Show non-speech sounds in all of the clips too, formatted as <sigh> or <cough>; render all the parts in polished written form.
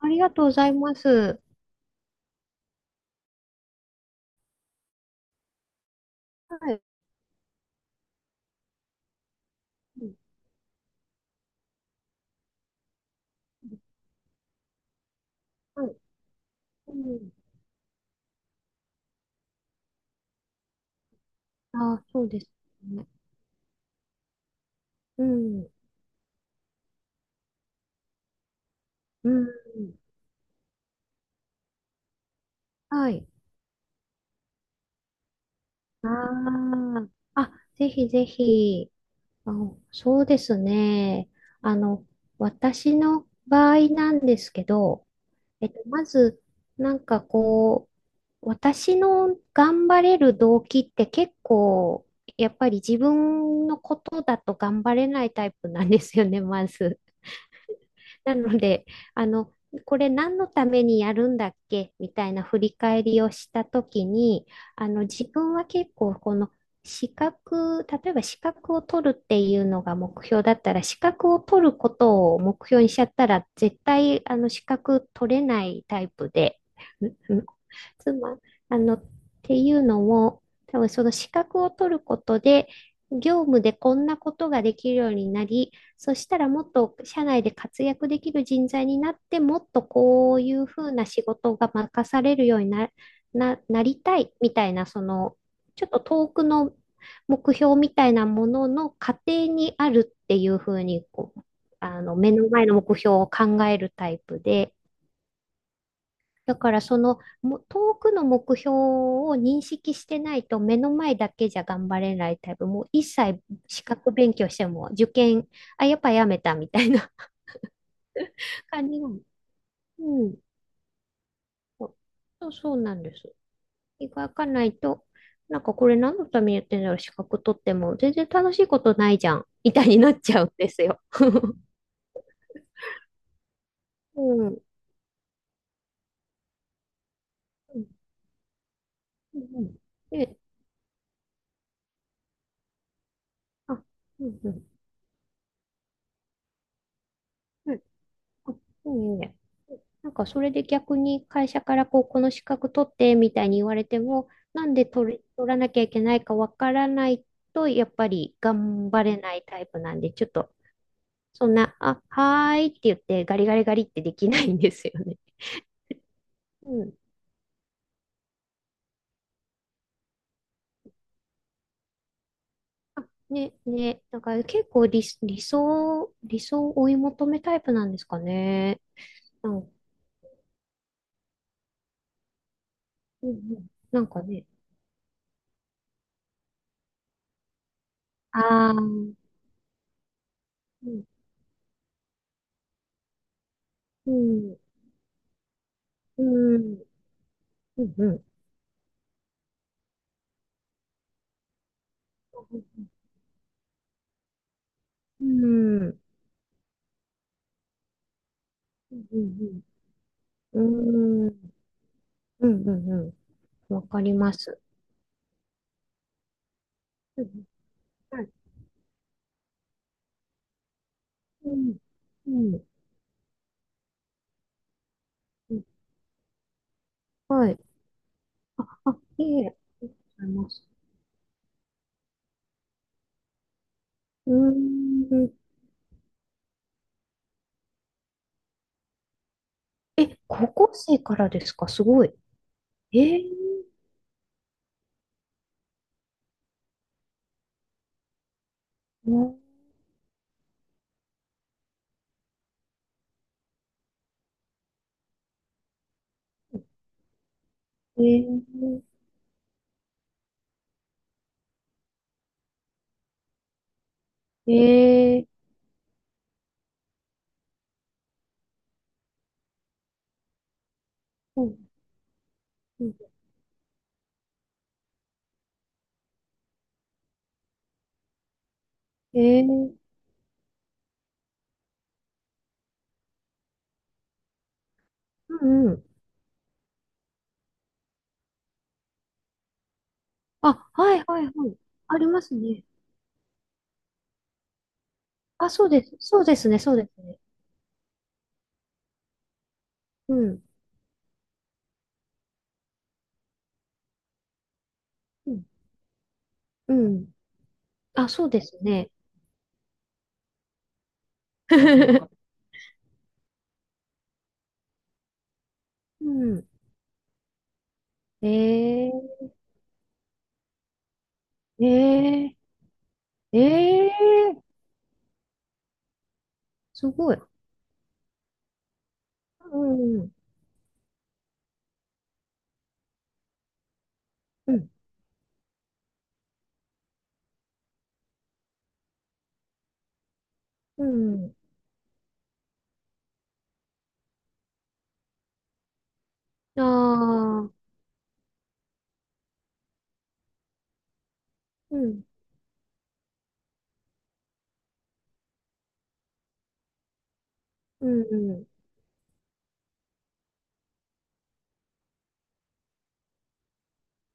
ありがとうございます。はい。うん。はい。うん。あ、そうですね。うん。うん。はい。ああ。あ、ぜひぜひ。あ、そうですね。あの、私の場合なんですけど、まず、なんかこ私の頑張れる動機って結構、やっぱり自分のことだと頑張れないタイプなんですよね、まず。なので、あの、これ何のためにやるんだっけみたいな振り返りをしたときに、自分は結構この資格、例えば資格を取るっていうのが目標だったら、資格を取ることを目標にしちゃったら、絶対あの資格取れないタイプで、ん妻、あの、っていうのも、多分その資格を取ることで、業務でこんなことができるようになり、そしたらもっと社内で活躍できる人材になって、もっとこういうふうな仕事が任されるようになりたいみたいな、その、ちょっと遠くの目標みたいなものの過程にあるっていうふうにこう、目の前の目標を考えるタイプで、だからそのも遠くの目標を認識してないと目の前だけじゃ頑張れないタイプ、もう一切資格勉強しても受験、あ、やっぱやめたみたいな <laughs> 感じの。うん。そそうなんです。描かないと、なんかこれ何のためにやってんだろう、資格取っても全然楽しいことないじゃん、みたいになっちゃうんですよ。<laughs> うん。うん。うんで、あ、うんうん。うん、あ、いいね。なんかそれで逆に会社からこう、この資格取ってみたいに言われても、なんで取れ、取らなきゃいけないかわからないと、やっぱり頑張れないタイプなんで、ちょっと、そんな、あ、はーいって言ってガリガリガリってできないんですよね。うん。あ、ね、ね、だから結構理想を追い求めタイプなんですかね。なん、うんうん、なんかね、ああ、うん、うん、うん、うん、うん。うん。うんうんうん。うーん。うんうんうん。わかります。うん。はい。うん。うん。うん、はい。あ、いえい、ありがとうございます。うーん。え、高校生からですか、すごい。えー。うん、えー。えー。うんうん、えー。うんうん。あ、はいはいはい。ありますね。あ、そうです。そうですね。そうですね。うん。うん。うん。あ、そうですね。<laughs> うん。<laughs> えー、えー、えー、すごい。うん、うん、うん。うん、ああ、うん、うん、うん、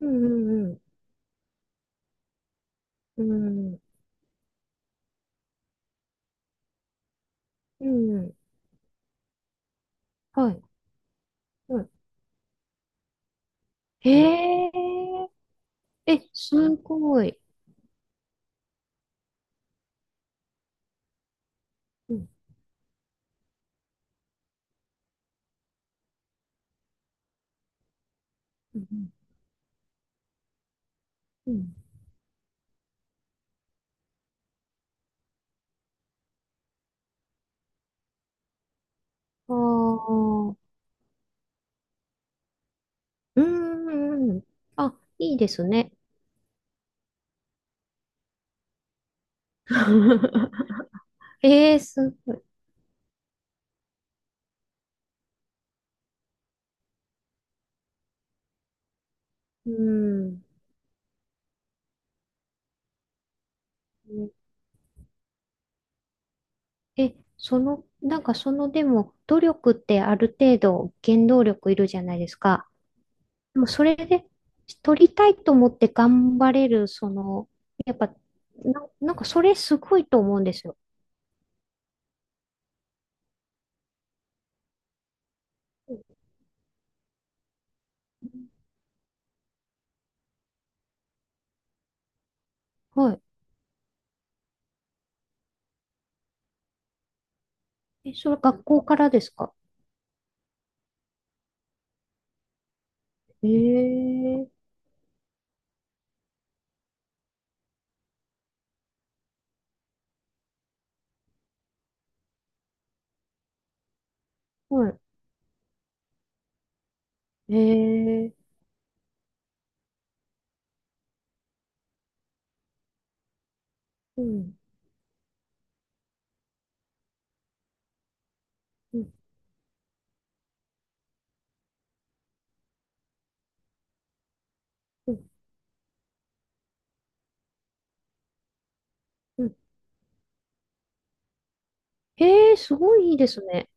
うん、うん、うん、うん、はい、はい。へえー、え、すごい。うん、うん、うん。うん、ああ、うん、うん。あ、いいですね。<laughs> えー、すごい。うん。え、その、なんかそのでも努力ってある程度原動力いるじゃないですか。でもそれで取りたいと思って頑張れる、その、やっぱ、なんかそれすごいと思うんですよ。はい。え、それ学校からですか？ええ、はい。ええ、うん、うん、うん、うん。ええ、すごいいいですね。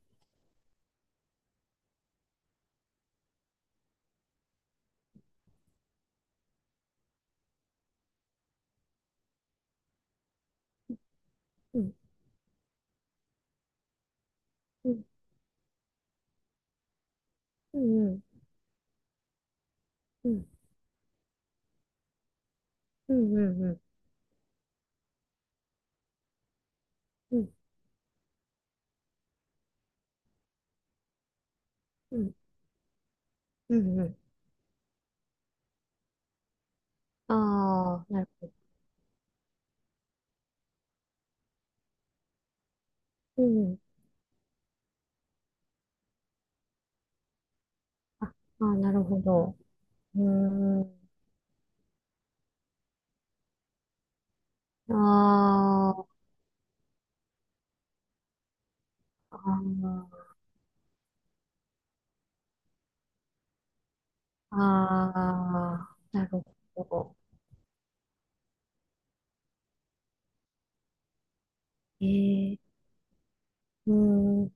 うん、うん、うん、うん、うん、うん、うん、うん、うん、うん。ああ、なるほど。うん、あ、あー、なるほど。うーん。あーあー、あーなるほど。えー、うーん、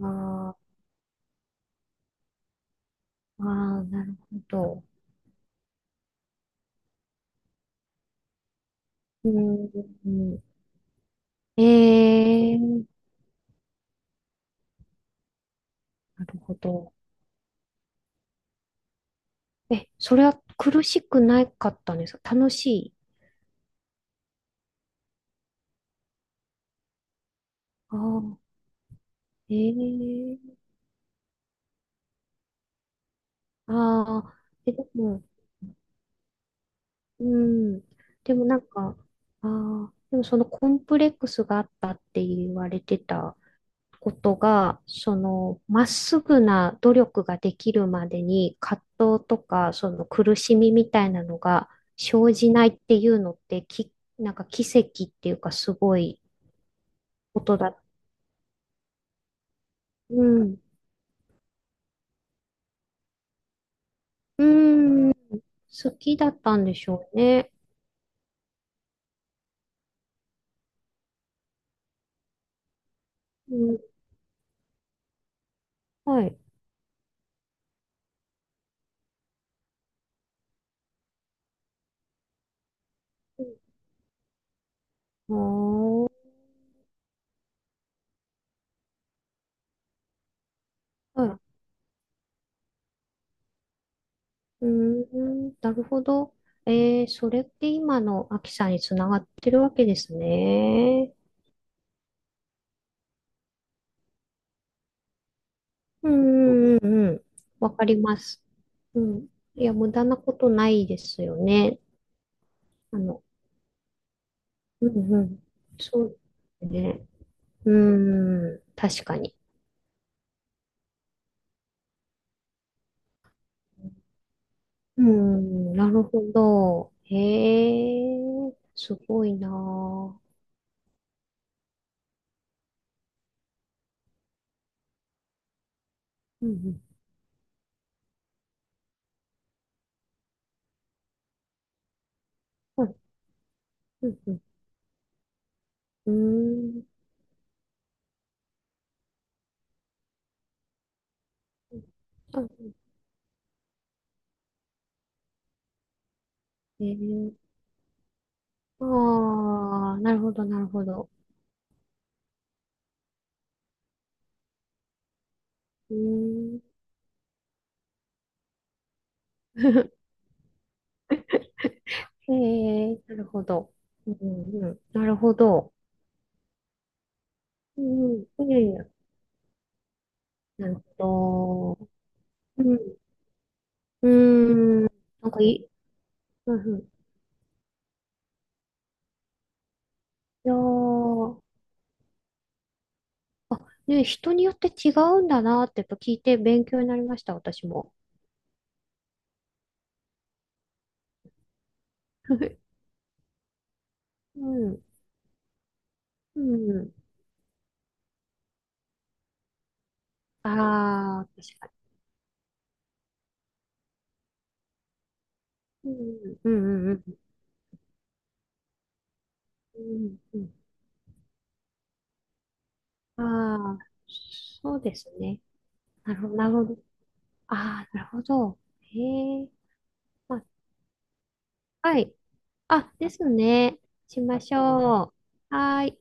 あーあー、なるほど。うーん、えー、なるほど。え、それは苦しくなかったんですか？楽しい。ああ、えー、ああ、え、でも、うん、でもなんか、ああ、でもそのコンプレックスがあったって言われてたことが、その、まっすぐな努力ができるまでに葛藤とか、その苦しみみたいなのが生じないっていうのって、き、なんか奇跡っていうかすごいことだ。うん。うん。好きだったんでしょうね。うん。はい。あー、はい。うーん、なるほど。えー、それって今のアキさんにつながってるわけですね。うんうんうんうん。わかります。うん。いや、無駄なことないですよね。あの、うんうん。そうですね。うん、確かに。うん。なるほど。へえ、すごいなぁ。うんうん、うん、うんうん。うーん、あ、へえー、ああ、なるほど、なるほど。うーん。<laughs> へえ、なるほど。うん、うん、なるほど。うん、うん、いやいや、なるほど。うん、うーん、なんかいい、うんうん、いやー、あ、ね、人によって違うんだなってやっぱ聞いて勉強になりました、私も。<laughs> うん、うん、あー、確かに。うん、うん、うん、うん、うん、うん、あー、そうですね。なるほど、なるほど。あー、なるほど。へえ、まあ、はい。あ、ですね。しましょう。はーい。